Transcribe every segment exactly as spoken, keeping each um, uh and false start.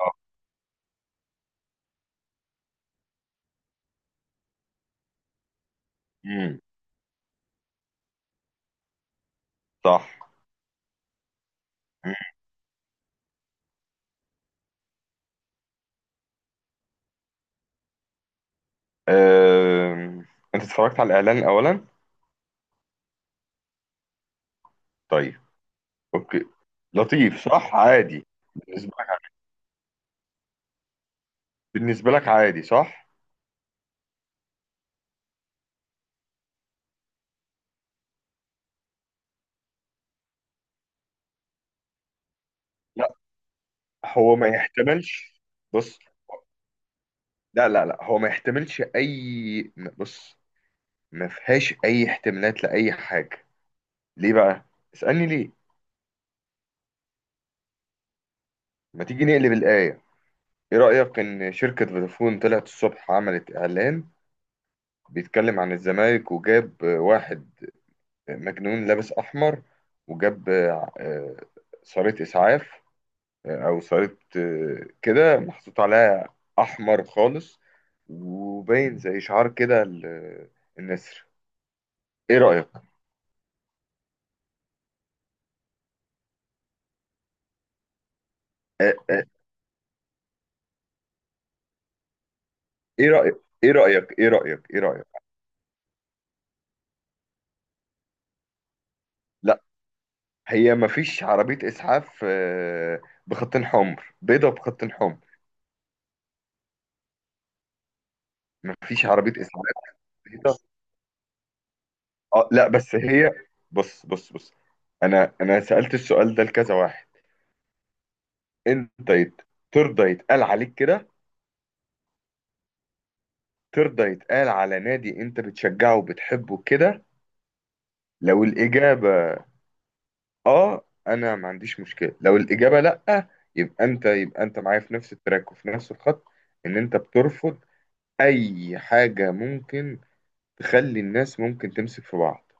اه. امم. صح. مم. أم... انت اتفرجت على الاعلان اولا؟ طيب. اوكي. لطيف، صح، عادي بالنسبه لك. بالنسبه لك عادي، صح؟ لا، هو ما يحتملش. بص. لا لا لا، هو ما يحتملش اي. بص. ما فيهاش اي احتمالات لاي حاجه. ليه بقى؟ اسالني ليه. ما تيجي نقلب الايه؟ ايه رايك ان شركه فودافون طلعت الصبح عملت اعلان بيتكلم عن الزمالك وجاب واحد مجنون لابس أحمر، وجاب آه، آه، صاروخ إسعاف، آه، أو صاروخ، آه، كده محطوط عليها أحمر خالص، وباين زي شعار كده، ال- آه، النسر. إيه رأيك؟ آه، آه، إيه رأيك؟ إيه رأيك؟ إيه رأيك؟ إيه رأيك؟ لا، هي مفيش عربية إسعاف، آه، بخطين حمر، بيضة بخطين حمر. مفيش عربية إسعاف بيضة. آه لا، بس هي، بص بص بص، أنا أنا سألت السؤال ده لكذا واحد. انت، يت... ترضى يتقال عليك كده؟ ترضى يتقال على نادي انت بتشجعه وبتحبه كده؟ لو الاجابه اه انا ما عنديش مشكله. لو الاجابه لا، يبقى انت يبقى انت معايا في نفس التراك وفي نفس الخط، ان انت بترفض اي حاجه ممكن تخلي الناس ممكن تمسك في بعض،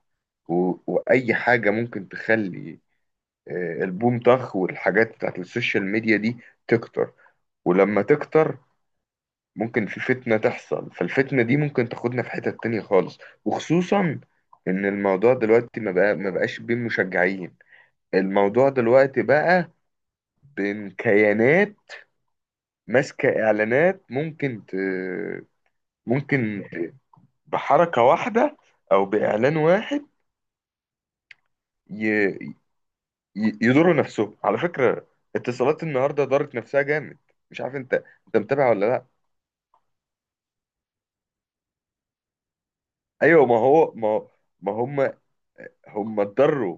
و... واي حاجه ممكن تخلي، آه، البوم طخ والحاجات بتاعت السوشيال ميديا دي، تكتر. ولما تكتر ممكن في فتنة تحصل، فالفتنة دي ممكن تاخدنا في حتة تانية خالص. وخصوصا إن الموضوع دلوقتي ما بقى ما بقاش بين مشجعين، الموضوع دلوقتي بقى بين كيانات ماسكة إعلانات، ممكن ت... ممكن ت... بحركة واحدة أو بإعلان واحد ي... ي... يضروا نفسهم على فكرة. اتصالات النهاردة ضرت نفسها جامد. مش عارف، أنت أنت متابع ولا لأ؟ أيوة، ما هو، ما ما هم هم اتضروا.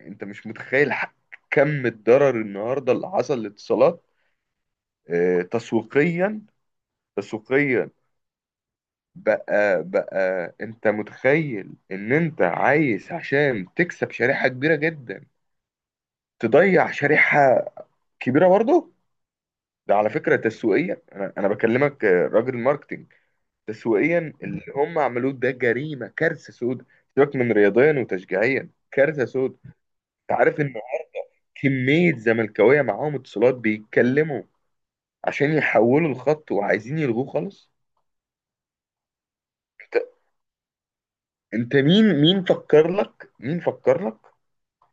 انت مش متخيل، ح- كم الضرر النهارده اللي حصل للاتصالات، آه، تسويقيا، تسويقيا. بقى بقى انت متخيل ان انت عايز عشان تكسب شريحة كبيرة جدا تضيع شريحة كبيرة برضه؟ ده على فكرة تسويقيا، انا انا بكلمك، آه، راجل ماركتينج، تسويقيا اللي هم عملوه ده جريمة، كارثة سود. سيبك من رياضيا وتشجيعيا، كارثة سود. انت عارف ان كمية زملكاوية معاهم اتصالات بيتكلموا عشان يحولوا الخط وعايزين يلغوه خالص؟ انت انت مين، مين فكر لك، مين فكر لك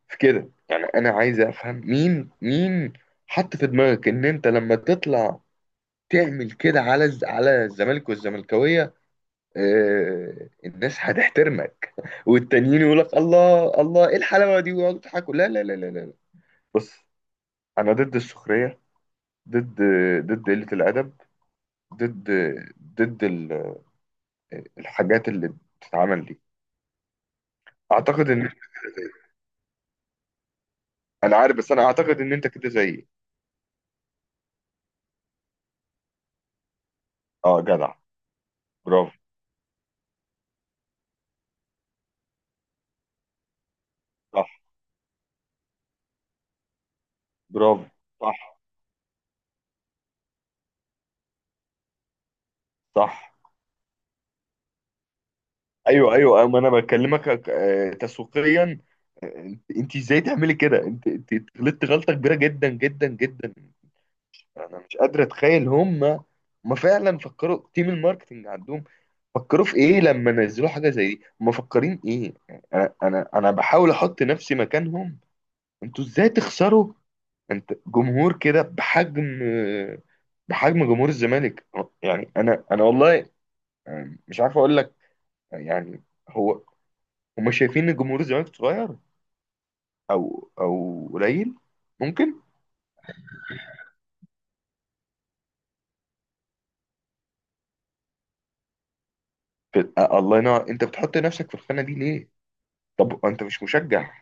في كده؟ يعني انا عايز افهم مين، مين حط في دماغك ان انت لما تطلع تعمل كده على الز- على الزمالك والزملكاويه اه الناس هتحترمك، والتانيين يقول لك الله الله ايه الحلاوه دي، ويقعدوا يضحكوا. لا لا لا لا لا. بص. انا ضد السخريه، ضد ضد قله الادب، ضد ضد ال- الحاجات اللي بتتعمل دي. اعتقد ان... انا عارف، بس انا اعتقد ان انت كده زيي. اه، جدع. برافو. صح. برافو. صح، صح. ايوه ايوه أيوة، ما انا بكلمك، آه، تسويقيا. آه، انت ازاي تعملي كده؟ انت انت غلطت غلطه كبيره جدا جدا جدا. انا مش قادر اتخيل، هم ما فعلا فكروا؟ تيم الماركتنج عندهم فكروا في ايه لما نزلوا حاجه زي دي؟ هم مفكرين ايه؟ انا انا انا بحاول احط نفسي مكانهم. انتوا ازاي تخسروا انت جمهور كده، بحجم آه، بحجم جمهور الزمالك؟ يعني انا انا والله، آه، مش عارف اقول لك يعني. هو هم شايفين ان جمهور الزمالك صغير، او، او قليل، ممكن. ف- آه، الله ينور، انت بتحط نفسك في الخانه دي ليه؟ طب انت مش مشجع؟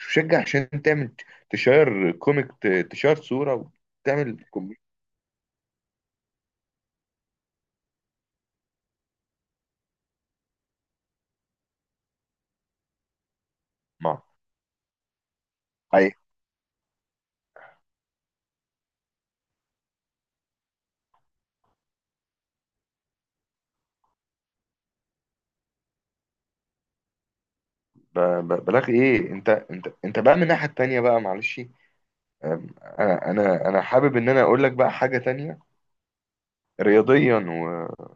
مش مشجع عشان تعمل تشير كوميك، ت- تشير صوره وتعمل كوميك مع اي، ب- ب- بلاغ ايه؟ انت انت انت بقى من الناحيه التانيه، بقى معلش. آم، انا انا انا حابب ان انا اقول لك بقى حاجه تانيه، رياضيا، و-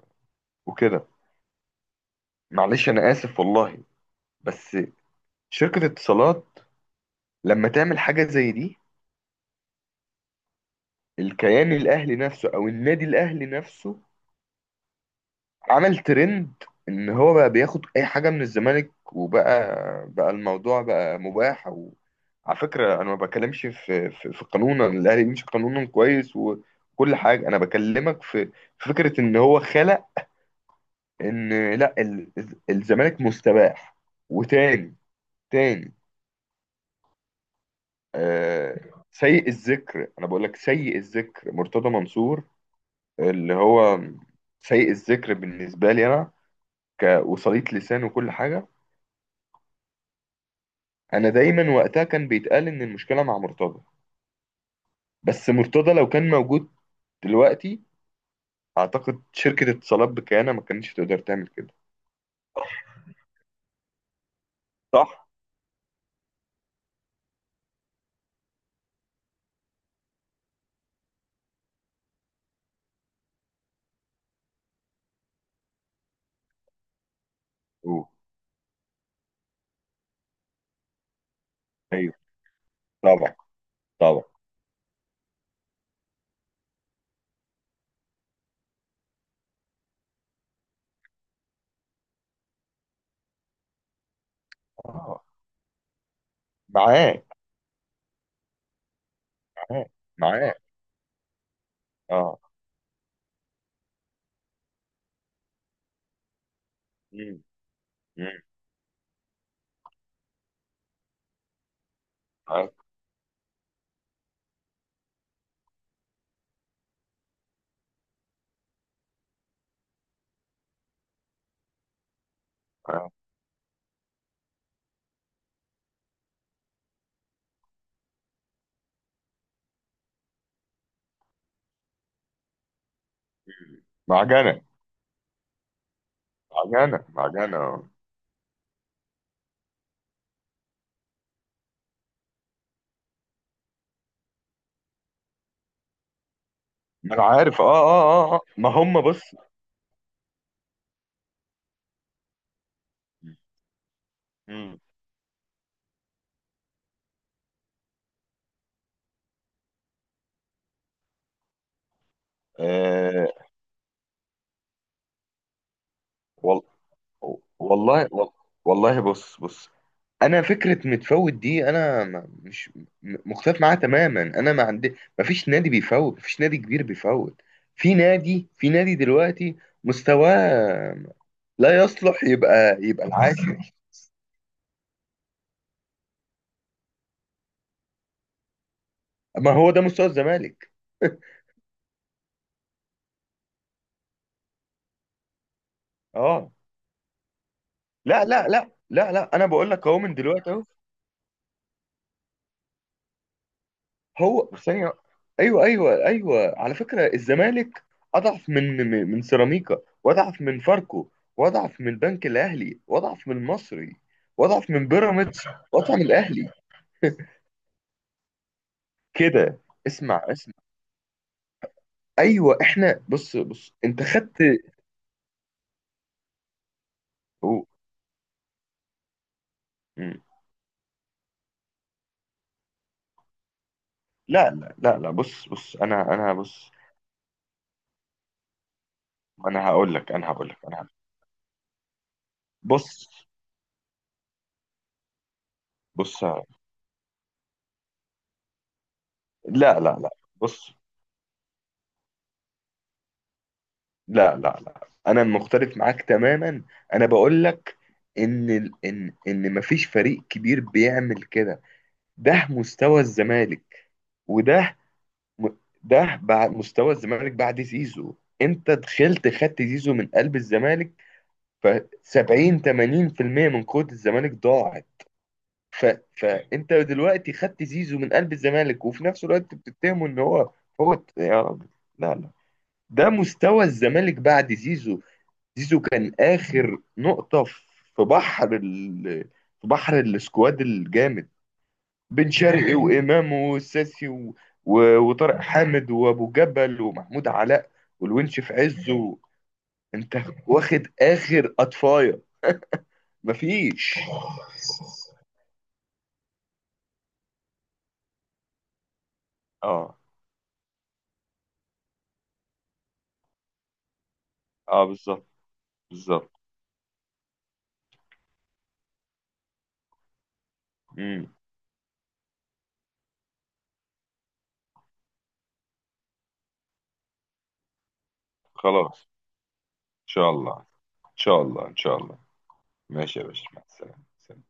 وكده. معلش انا اسف والله، بس شركة اتصالات لما تعمل حاجة زي دي، الكيان الاهلي نفسه او النادي الاهلي نفسه عمل ترند ان هو بقى بياخد اي حاجة من الزمالك، وبقى بقى الموضوع بقى مباح. وعلى فكرة انا ما بكلمش في، في, في قانون الاهلي بيمشي قانونا كويس وكل حاجة، انا بكلمك في في فكرة ان هو خلق ان لا، ال- الزمالك مستباح، وتاني، تاني آه، سيء الذكر، انا بقول لك سيء الذكر مرتضى منصور، اللي هو سيء الذكر بالنسبه لي انا، كوصلية لسان وكل حاجه. انا دايما وقتها كان بيتقال ان المشكله مع مرتضى، بس مرتضى لو كان موجود دلوقتي اعتقد شركه اتصالات بكيانه ما كانتش تقدر تعمل كده. صح. أوه. ايوه. طبعا، طبعا. آه. معاك، معاك، معاك. اه. مم. مم. معاك، معاك. معجنه، معجنه، معجنه. آه. ما انا عارف، اه اه اه. آه. ما هم بص. مم. آه، وال... والله، وال... والله. بص بص. انا فكره متفوت دي، انا ما- مش م- مختلف معاها تماما. انا ما عندي ما فيش نادي بيفوت، ما فيش نادي كبير بيفوت. في نادي في نادي دلوقتي مستواه لا يصلح يبقى، يبقى العاشر. ما هو ده مستوى الزمالك. اه، لا لا لا لا لا، انا بقول لك اهو من دلوقتي. هو ثانية. ايوه ايوه ايوه، على فكرة الزمالك اضعف من، من من سيراميكا، واضعف من فاركو، واضعف من البنك الاهلي، واضعف من المصري، واضعف من بيراميدز، واضعف من الاهلي كده. اسمع اسمع. ايوه، احنا بص بص انت خدت. أوه. مم. لا لا لا لا، بص بص، انا انا بص. انا هقول لك انا هقول لك انا هقول لك. بص بص. لا لا لا بص. لا لا لا، انا مختلف معاك تماما. انا بقول لك ان، ال- ان ان مفيش فريق كبير بيعمل كده. ده مستوى الزمالك، وده م- ده بعد مستوى الزمالك بعد زيزو. انت دخلت خدت زيزو من قلب الزمالك، ف سبعين تمانين في المية من قوة الزمالك ضاعت. ف فانت دلوقتي خدت زيزو من قلب الزمالك، وفي نفس الوقت بتتهمه ان هو هو يا رب، لا لا، ده مستوى الزمالك بعد زيزو. زيزو كان آخر نقطة، في بحر ال... في بحر السكواد الجامد، بن شرقي، وإمام والساسي، و... و... وطارق حامد وأبو جبل ومحمود علاء والونش في عزه. أنت واخد آخر أطفاية. مفيش. اه، اه، بالظبط. بالظبط. امم. خلاص. ان شاء الله. ان شاء الله. ان شاء الله. ماشي يا باشا، مع السلامه. سلام.